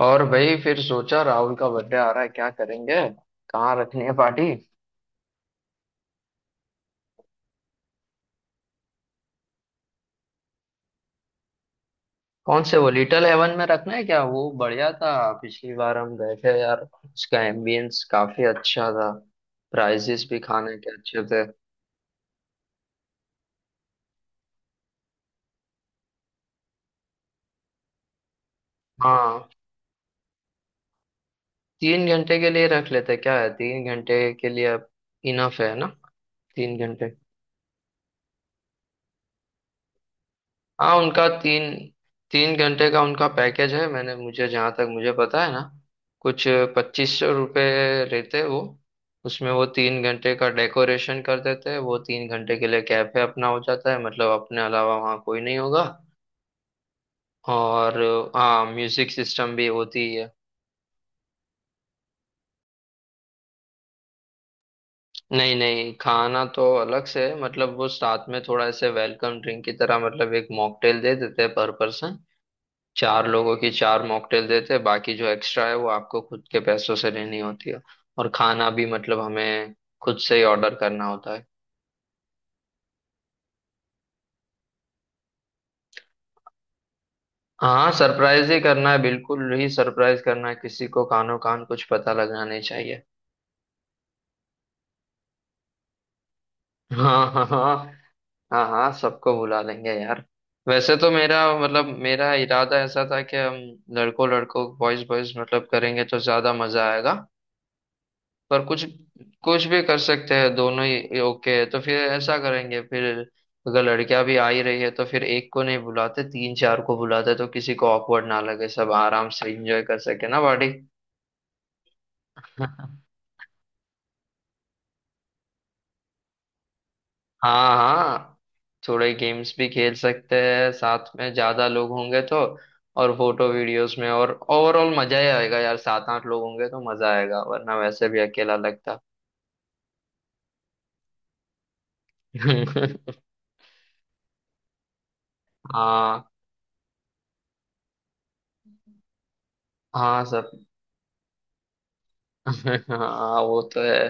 और भाई फिर सोचा, राहुल का बर्थडे आ रहा है, क्या करेंगे। कहाँ रखनी है पार्टी? कौन से, वो लिटिल हेवन में रखना है क्या? वो बढ़िया था, पिछली बार हम गए थे यार। उसका एम्बियंस काफी अच्छा था, प्राइजेस भी खाने के अच्छे थे। हाँ, 3 घंटे के लिए रख लेते क्या है, 3 घंटे के लिए। इनफ है ना, 3 घंटे? हाँ, उनका तीन तीन घंटे का उनका पैकेज है, मैंने मुझे, जहाँ तक मुझे पता है ना, कुछ 2500 रुपये रहते हैं वो। उसमें वो 3 घंटे का डेकोरेशन कर देते हैं, वो 3 घंटे के लिए कैफे अपना हो जाता है, मतलब अपने अलावा वहाँ कोई नहीं होगा। और हाँ, म्यूजिक सिस्टम भी होती है। नहीं नहीं, खाना तो अलग से है, मतलब वो साथ में थोड़ा ऐसे वेलकम ड्रिंक की तरह, मतलब एक मॉकटेल दे देते हैं पर पर्सन। चार लोगों की चार मॉकटेल देते हैं, बाकी जो एक्स्ट्रा है वो आपको खुद के पैसों से लेनी होती है। और खाना भी मतलब हमें खुद से ही ऑर्डर करना होता है। हाँ, सरप्राइज ही करना है, बिल्कुल ही सरप्राइज करना है, किसी को कानो कान कुछ पता लगना नहीं चाहिए। हाँ हाँ हाँ। हाँ हाँ, सबको बुला लेंगे यार। वैसे तो मेरा मतलब, मेरा इरादा ऐसा था कि हम लड़कों लड़कों, बॉयज बॉयज मतलब करेंगे तो ज्यादा मजा आएगा। पर कुछ कुछ भी कर सकते हैं, दोनों ही ओके है, तो फिर ऐसा करेंगे फिर, अगर लड़कियां भी आ ही रही है तो फिर एक को नहीं बुलाते, तीन चार को बुलाते, तो किसी को ऑकवर्ड ना लगे, सब आराम से एंजॉय कर सके ना बॉडी। हाँ हाँ, थोड़े गेम्स भी खेल सकते हैं साथ में, ज्यादा लोग होंगे तो। और फोटो वीडियोस में, और ओवरऑल मजा ही आएगा यार, सात आठ लोग होंगे तो मजा आएगा, वरना वैसे भी अकेला लगता। हाँ हाँ सब। हाँ वो तो है।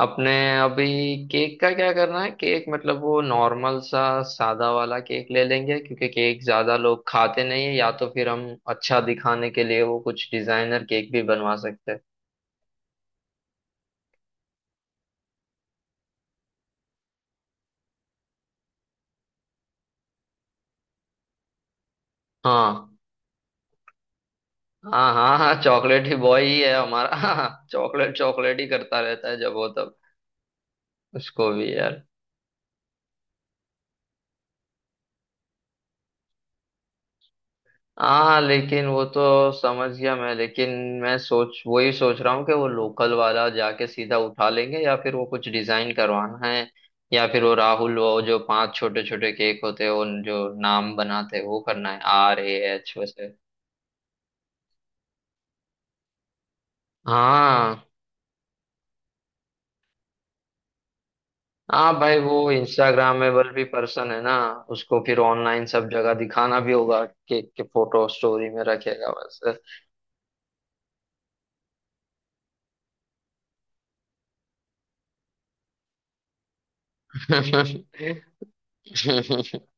अपने अभी केक का क्या करना है? केक मतलब वो नॉर्मल सा सादा वाला केक ले लेंगे, क्योंकि केक ज्यादा लोग खाते नहीं है, या तो फिर हम अच्छा दिखाने के लिए वो कुछ डिजाइनर केक भी बनवा सकते हैं। हाँ हाँ हाँ हाँ, चॉकलेट ही बॉय ही है हमारा। चॉकलेट चॉकलेट ही करता रहता है जब वो तब। उसको भी यार, हाँ लेकिन वो तो समझ गया मैं, लेकिन मैं सोच वही सोच रहा हूँ कि वो लोकल वाला जाके सीधा उठा लेंगे, या फिर वो कुछ डिजाइन करवाना है, या फिर वो राहुल, वो जो पांच छोटे छोटे केक होते हैं उन जो नाम बनाते हैं वो करना है, आर ए एच वैसे। हाँ हाँ, भाई वो इंस्टाग्रामेबल भी पर्सन है ना, उसको फिर ऑनलाइन सब जगह दिखाना भी होगा, केक के फोटो स्टोरी में रखेगा। वैसे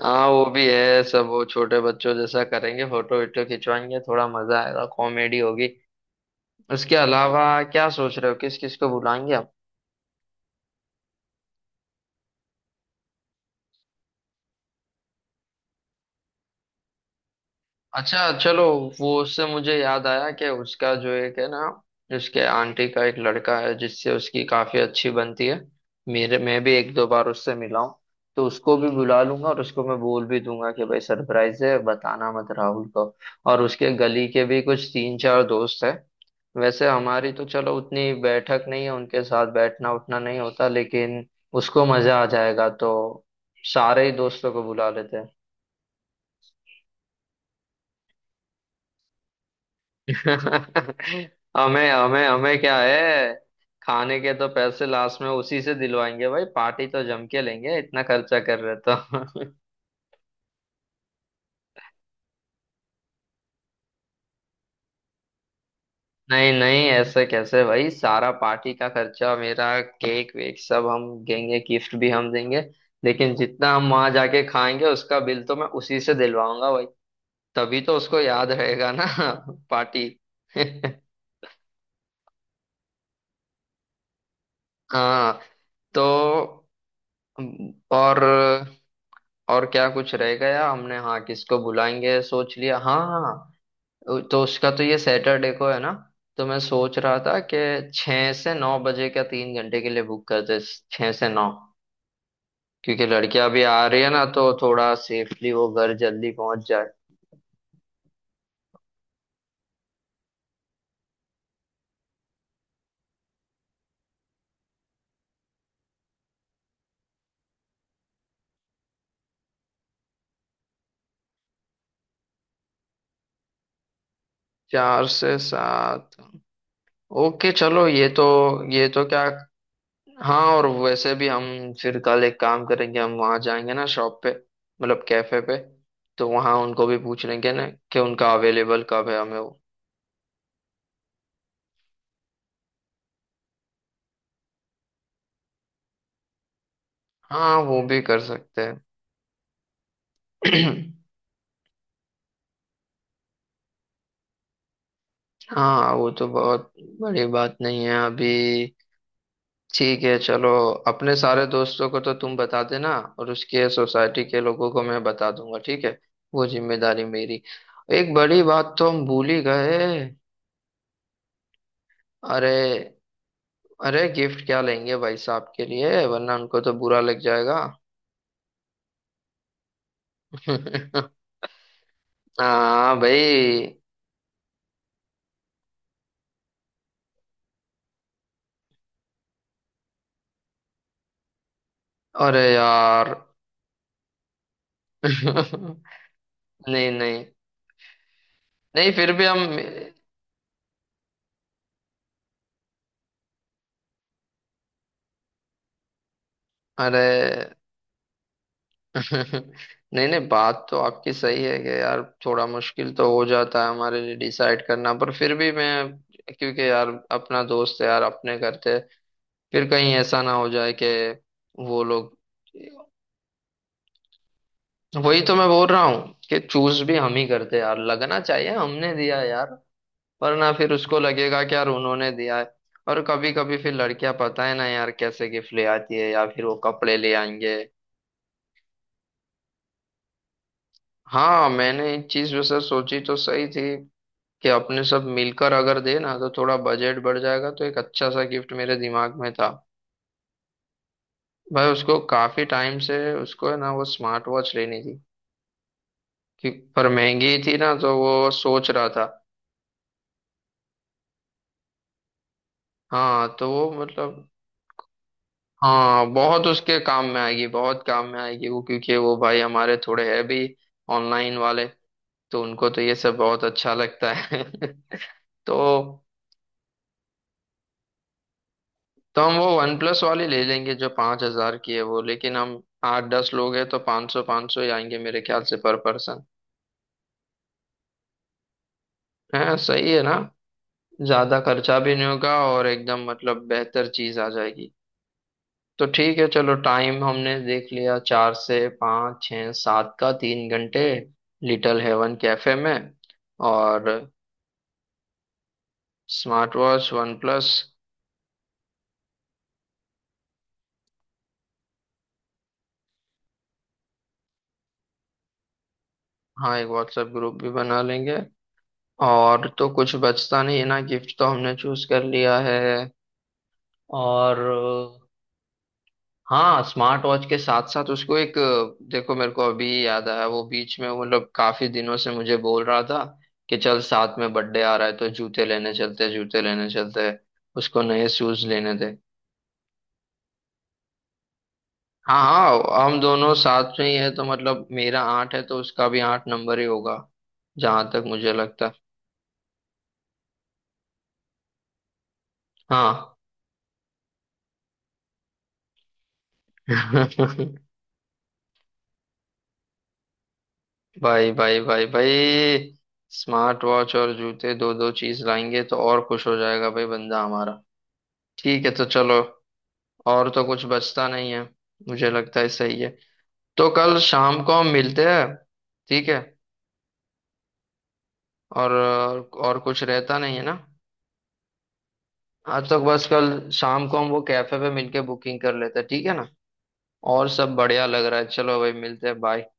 हाँ वो भी है, सब वो छोटे बच्चों जैसा करेंगे, फोटो वीटो खिंचवाएंगे, थोड़ा मजा आएगा, कॉमेडी होगी। उसके अलावा क्या सोच रहे हो, किस किस को बुलाएंगे? अच्छा चलो, वो उससे मुझे याद आया कि उसका जो एक है ना, उसके आंटी का एक लड़का है जिससे उसकी काफी अच्छी बनती है, मेरे मैं भी एक दो बार उससे मिला हूँ। तो उसको भी बुला लूंगा, और उसको मैं बोल भी दूंगा कि भाई सरप्राइज है, बताना मत राहुल को। और उसके गली के भी कुछ तीन चार दोस्त है, वैसे हमारी तो चलो उतनी बैठक नहीं है, उनके साथ बैठना उठना नहीं होता, लेकिन उसको मजा आ जाएगा, तो सारे ही दोस्तों को बुला लेते हैं। हमें हमें हमें क्या है, खाने के तो पैसे लास्ट में उसी से दिलवाएंगे भाई, पार्टी तो जम के लेंगे, इतना खर्चा कर रहे तो। नहीं नहीं, ऐसे कैसे भाई? सारा पार्टी का खर्चा मेरा, केक वेक सब हम देंगे, गिफ्ट भी हम देंगे, लेकिन जितना हम वहां जाके खाएंगे उसका बिल तो मैं उसी से दिलवाऊंगा भाई, तभी तो उसको याद रहेगा ना। पार्टी। हाँ तो, और और क्या कुछ रहेगा, या हमने, हाँ किसको बुलाएंगे सोच लिया। हाँ हाँ, तो उसका तो ये सैटरडे को है ना, तो मैं सोच रहा था कि छः से नौ बजे का 3 घंटे के लिए बुक करते, छः से नौ, क्योंकि लड़कियां अभी आ रही है ना तो थोड़ा सेफली वो घर जल्दी पहुंच जाए। चार से सात, ओके चलो। ये तो क्या, हाँ और वैसे भी हम फिर कल एक काम करेंगे, हम वहाँ जाएंगे ना शॉप पे, मतलब कैफे पे, तो वहाँ उनको भी पूछ लेंगे ना कि उनका अवेलेबल कब है हमें वो। हाँ वो भी कर सकते हैं। हाँ वो तो बहुत बड़ी बात नहीं है अभी, ठीक है चलो, अपने सारे दोस्तों को तो तुम बता देना, और उसके सोसाइटी के लोगों को मैं बता दूंगा, ठीक है, वो जिम्मेदारी मेरी। एक बड़ी बात तो हम भूल ही गए, अरे अरे गिफ्ट क्या लेंगे भाई साहब के लिए, वरना उनको तो बुरा लग जाएगा। हाँ भाई। अरे यार। नहीं नहीं, नहीं फिर भी हम। अरे नहीं नहीं, बात तो आपकी सही है कि यार, थोड़ा मुश्किल तो हो जाता है हमारे लिए डिसाइड करना, पर फिर भी मैं, क्योंकि यार अपना दोस्त है यार, अपने करते, फिर कहीं ऐसा ना हो जाए कि वो लोग, वही तो मैं बोल रहा हूँ कि चूज भी हम ही करते यार, लगना चाहिए हमने दिया यार, वरना फिर उसको लगेगा कि यार उन्होंने दिया है। और कभी कभी फिर लड़कियां पता है ना यार कैसे गिफ्ट ले आती है, या फिर वो कपड़े ले आएंगे। हाँ, मैंने इस चीज वैसे सोची तो सही थी कि अपने सब मिलकर अगर दे ना तो थोड़ा बजट बढ़ जाएगा, तो एक अच्छा सा गिफ्ट मेरे दिमाग में था। भाई उसको काफी टाइम से, उसको है ना वो स्मार्ट वॉच लेनी थी कि, पर महंगी थी ना तो वो सोच रहा था। हाँ तो वो मतलब, हाँ बहुत उसके काम में आएगी, बहुत काम में आएगी वो, क्योंकि वो भाई हमारे थोड़े है भी ऑनलाइन वाले, तो उनको तो ये सब बहुत अच्छा लगता है। तो तो हम वो वन प्लस वाली ले लेंगे जो 5000 की है वो, लेकिन हम आठ दस लोग हैं तो 500 500 ही आएंगे मेरे ख्याल से पर पर्सन। है सही है ना, ज्यादा खर्चा भी नहीं होगा, और एकदम मतलब बेहतर चीज आ जाएगी। तो ठीक है चलो, टाइम हमने देख लिया, चार से पाँच छः सात का 3 घंटे, लिटिल हेवन कैफे में। और स्मार्ट वॉच वन प्लस। हाँ एक व्हाट्सएप ग्रुप भी बना लेंगे, और तो कुछ बचता नहीं है ना, गिफ्ट तो हमने चूज कर लिया है। और हाँ, स्मार्ट वॉच के साथ साथ उसको एक देखो मेरे को अभी याद आया, वो बीच में मतलब काफी दिनों से मुझे बोल रहा था कि चल साथ में बर्थडे आ रहा है तो जूते लेने चलते हैं, जूते लेने चलते हैं, उसको नए शूज लेने थे। हाँ हाँ, हम दोनों साथ में ही है तो मतलब मेरा आठ है, तो उसका भी आठ नंबर ही होगा, जहां तक मुझे लगता है। हाँ भाई भाई भाई भाई, स्मार्ट वॉच और जूते, दो दो चीज लाएंगे तो और खुश हो जाएगा भाई बंदा हमारा। ठीक है तो चलो, और तो कुछ बचता नहीं है, मुझे लगता है सही है। तो कल शाम को हम मिलते हैं, ठीक है। और और कुछ रहता नहीं है ना, हाँ तो बस कल शाम को हम वो कैफे पे मिलके बुकिंग कर लेते हैं, ठीक है ना। और सब बढ़िया लग रहा है, चलो भाई मिलते हैं, बाय।